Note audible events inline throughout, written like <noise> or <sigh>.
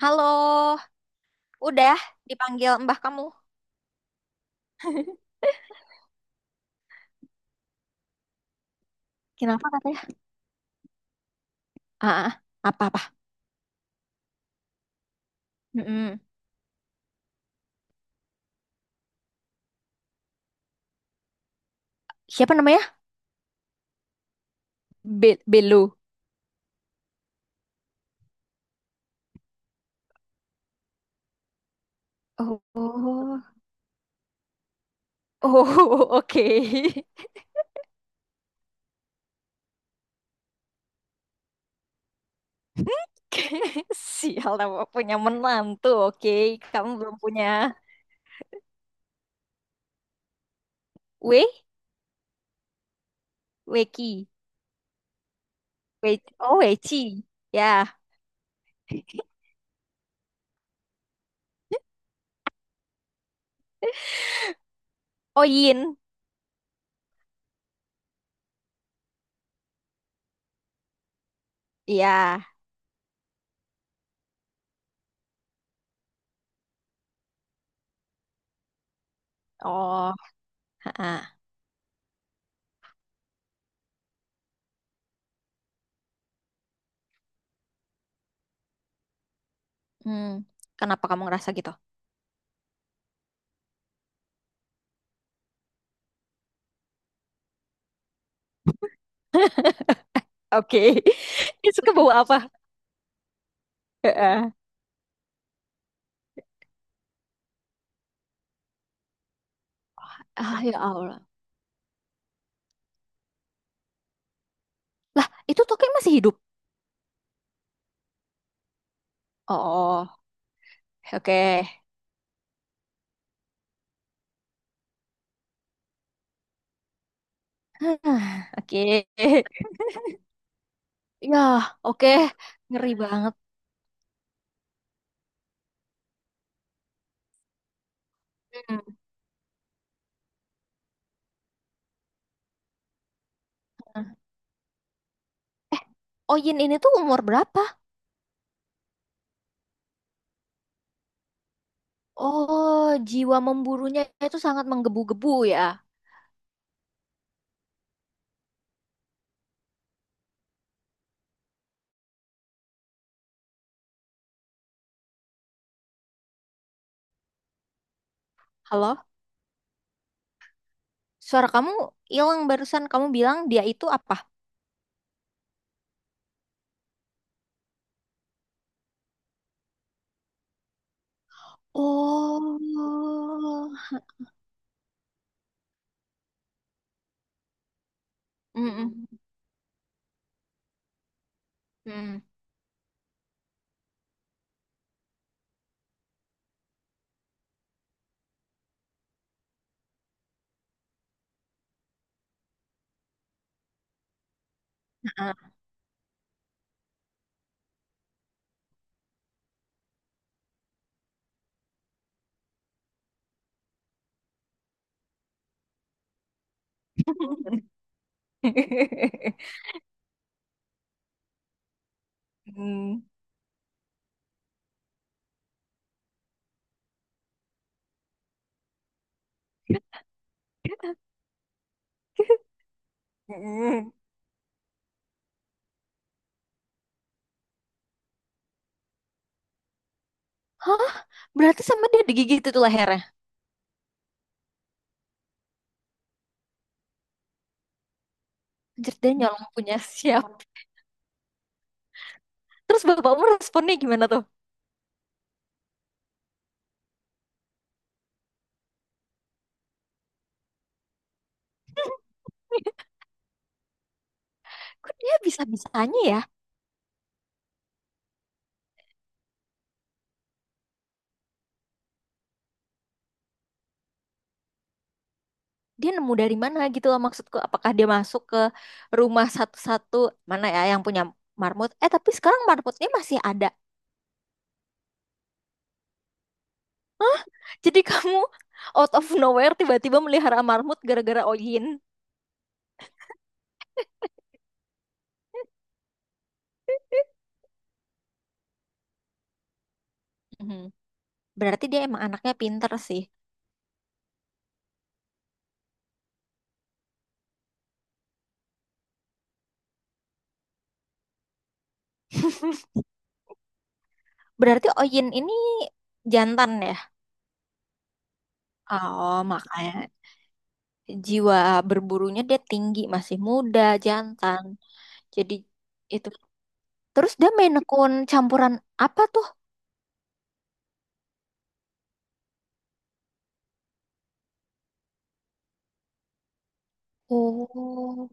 Halo, udah dipanggil mbah kamu. Kenapa katanya? Ah, ah, apa-apa? Mm-mm. Siapa namanya? Belu. Oh, oh, oh, <laughs> oke. <laughs> Sial, aku punya menantu, oke. Kamu belum punya We? Weki? We oh, Weci. Ya. Oh, Yin. Iya. Oh, ah, ah. Hmm. Kenapa kamu ngerasa gitu? <laughs> Oke. <laughs> Itu kebawa apa? <laughs> Heeh. Ah, ya Allah. Lah, itu Toke masih hidup. Oh, oke. Hah, oke. Ya, oke. Ngeri banget. Hmm. Oh, Yin ini tuh umur berapa? Oh, jiwa memburunya itu sangat menggebu-gebu ya. Halo? Suara kamu hilang barusan. Kamu bilang dia itu apa? Oh. Mm-mm. Mm. <laughs> Mm. Mm. Hah? Berarti sama dia digigit itu lehernya. Anjir, dia nyolong punya siapa? Terus bapakmu responnya gimana tuh? <laughs> Kok dia bisa-bisanya ya? Dia nemu dari mana gitu loh maksudku. Apakah dia masuk ke rumah satu-satu mana ya yang punya marmut? Eh, tapi sekarang marmutnya masih ada. Jadi kamu out of nowhere tiba-tiba melihara marmut gara-gara Oyin. Mhm. Berarti dia emang anaknya pinter sih. <laughs> Berarti Oyin ini jantan ya? Oh, makanya jiwa berburunya dia tinggi, masih muda, jantan. Jadi itu, terus dia main akun campuran apa tuh? Oh,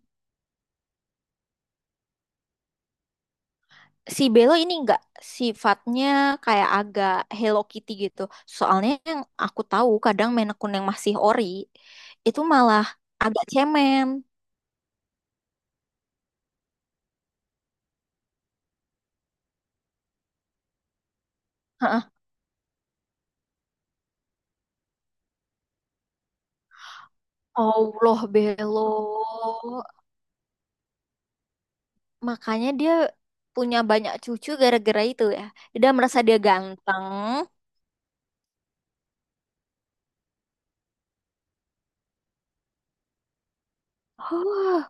si Belo ini enggak sifatnya kayak agak Hello Kitty gitu. Soalnya yang aku tahu kadang main akun yang masih ori itu malah agak cemen. Heeh. Allah Belo. Makanya dia punya banyak cucu gara-gara itu ya. Dia merasa dia ganteng. Huh,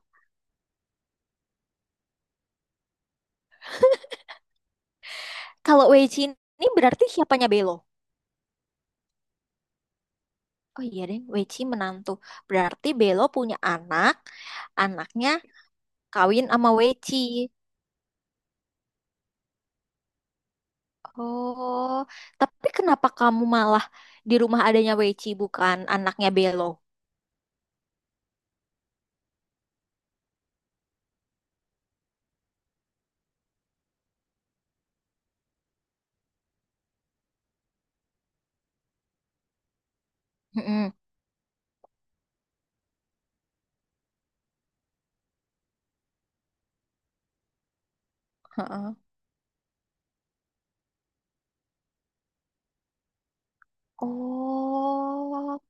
kalau Weichi ini berarti siapanya Belo? Oh iya deh, Weichi menantu. Berarti Belo punya anak, anaknya kawin sama Weci. Oh, tapi kenapa kamu malah di rumah adanya Weci bukan anaknya Belo? Mm-mm. Heeh. Oh,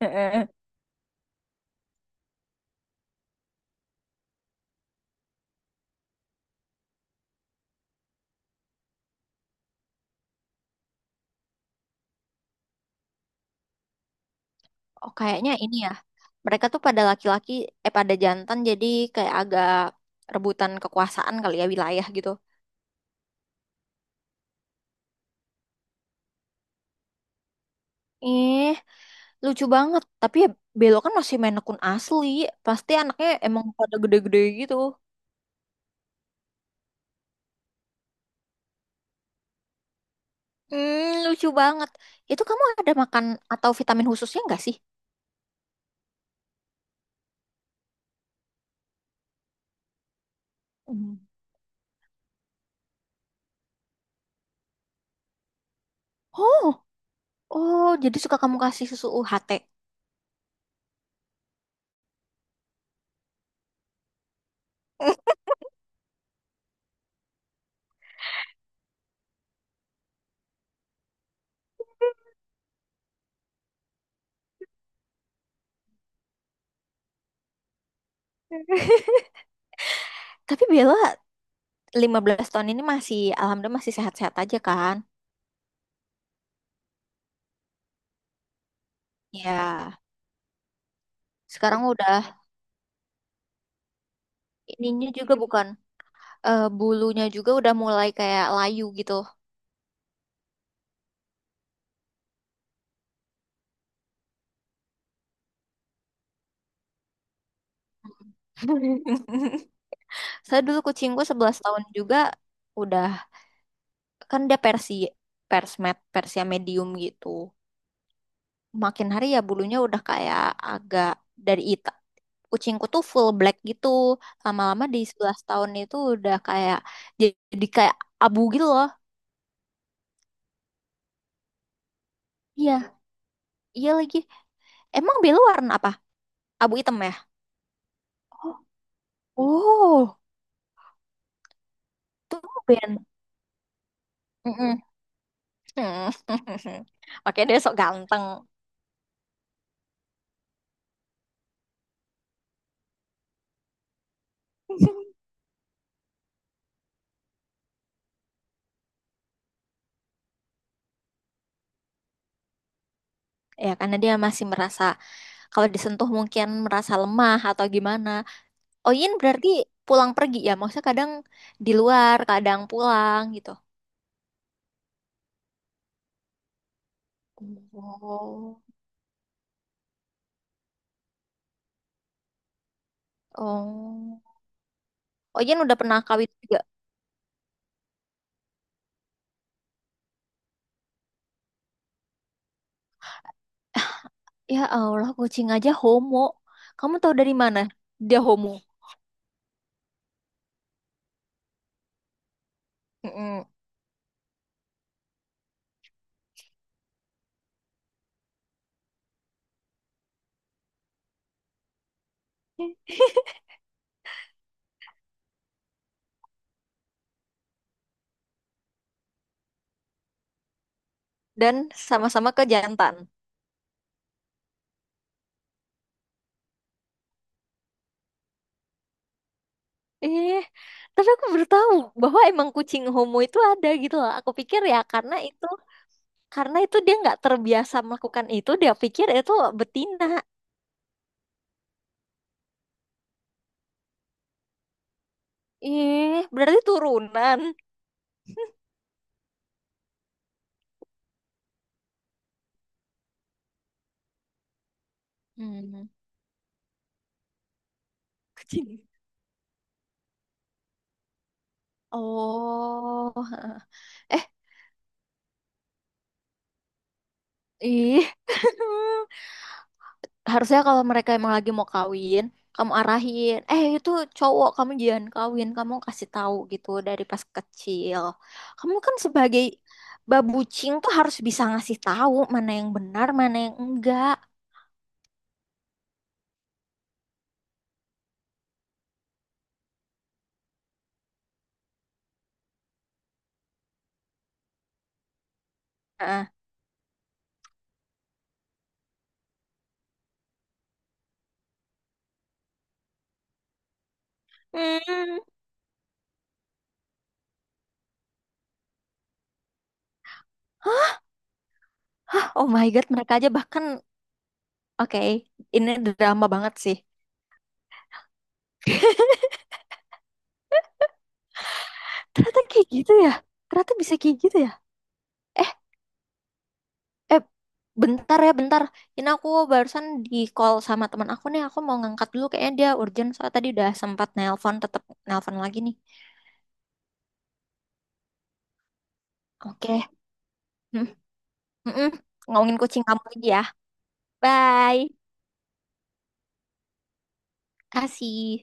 heeh, oh kayaknya ini ya. Mereka tuh pada laki-laki, eh pada jantan jadi kayak agak rebutan kekuasaan kali ya wilayah gitu. Eh, lucu banget. Tapi ya Belo kan masih main akun asli. Pasti anaknya emang pada gede-gede gitu. Hmm, lucu banget. Itu kamu ada makan atau vitamin khususnya nggak sih? Hmm. Oh, oh, jadi suka kamu kasih susu UHT. <laughs> Tapi Bella 15 tahun ini masih, alhamdulillah masih sehat-sehat aja kan? Ya, sekarang udah ininya juga bukan, eh, bulunya juga udah mulai kayak layu gitu. <laughs> Saya dulu kucingku 11 tahun juga udah, kan dia Persi, Persmed, Persia medium gitu. Makin hari ya bulunya udah kayak agak dari ita. Kucingku tuh full black gitu. Lama-lama di 11 tahun itu udah kayak jadi kayak abu gitu loh. Iya, iya lagi. Emang belu warna apa? Abu hitam ya? Oh, tuh Ben. Mm-mm. <laughs> Oke, dia sok ganteng. Ya, karena dia masih merasa kalau disentuh mungkin merasa lemah atau gimana. Oyin berarti pulang pergi ya. Maksudnya kadang di luar, kadang pulang gitu. Oh, oh, oh, Ojen udah pernah kawin juga. Ya Allah, kucing aja homo. Kamu tahu dari mana dia homo? Mm-mm. Dan sama-sama ke jantan. Eh, tapi aku baru tahu bahwa emang kucing homo itu ada gitu loh. Aku pikir ya karena itu dia nggak terbiasa melakukan itu, dia pikir itu betina. Eh, berarti turunan. Hmm, kucing. Oh, eh, ih. <laughs> Harusnya kalau mereka emang lagi mau kawin, kamu arahin, eh itu cowok kamu jangan kawin, kamu kasih tahu gitu dari pas kecil. Kamu kan sebagai babucing tuh harus bisa ngasih tahu mana yang benar, mana yang enggak. Nah, hmm, hah, oh my God, mereka aja bahkan, oke, ini drama banget sih. Ternyata kayak gitu ya, ternyata bisa kayak gitu ya. Eh, Eh, bentar ya, bentar. Ini aku barusan di call sama teman aku nih. Aku mau ngangkat dulu. Kayaknya dia urgent. Soalnya tadi udah sempat nelpon, tetap nelpon lagi nih. Oke. Hmm, mm-mm. Ngomongin kucing kamu lagi ya. Bye. Kasih.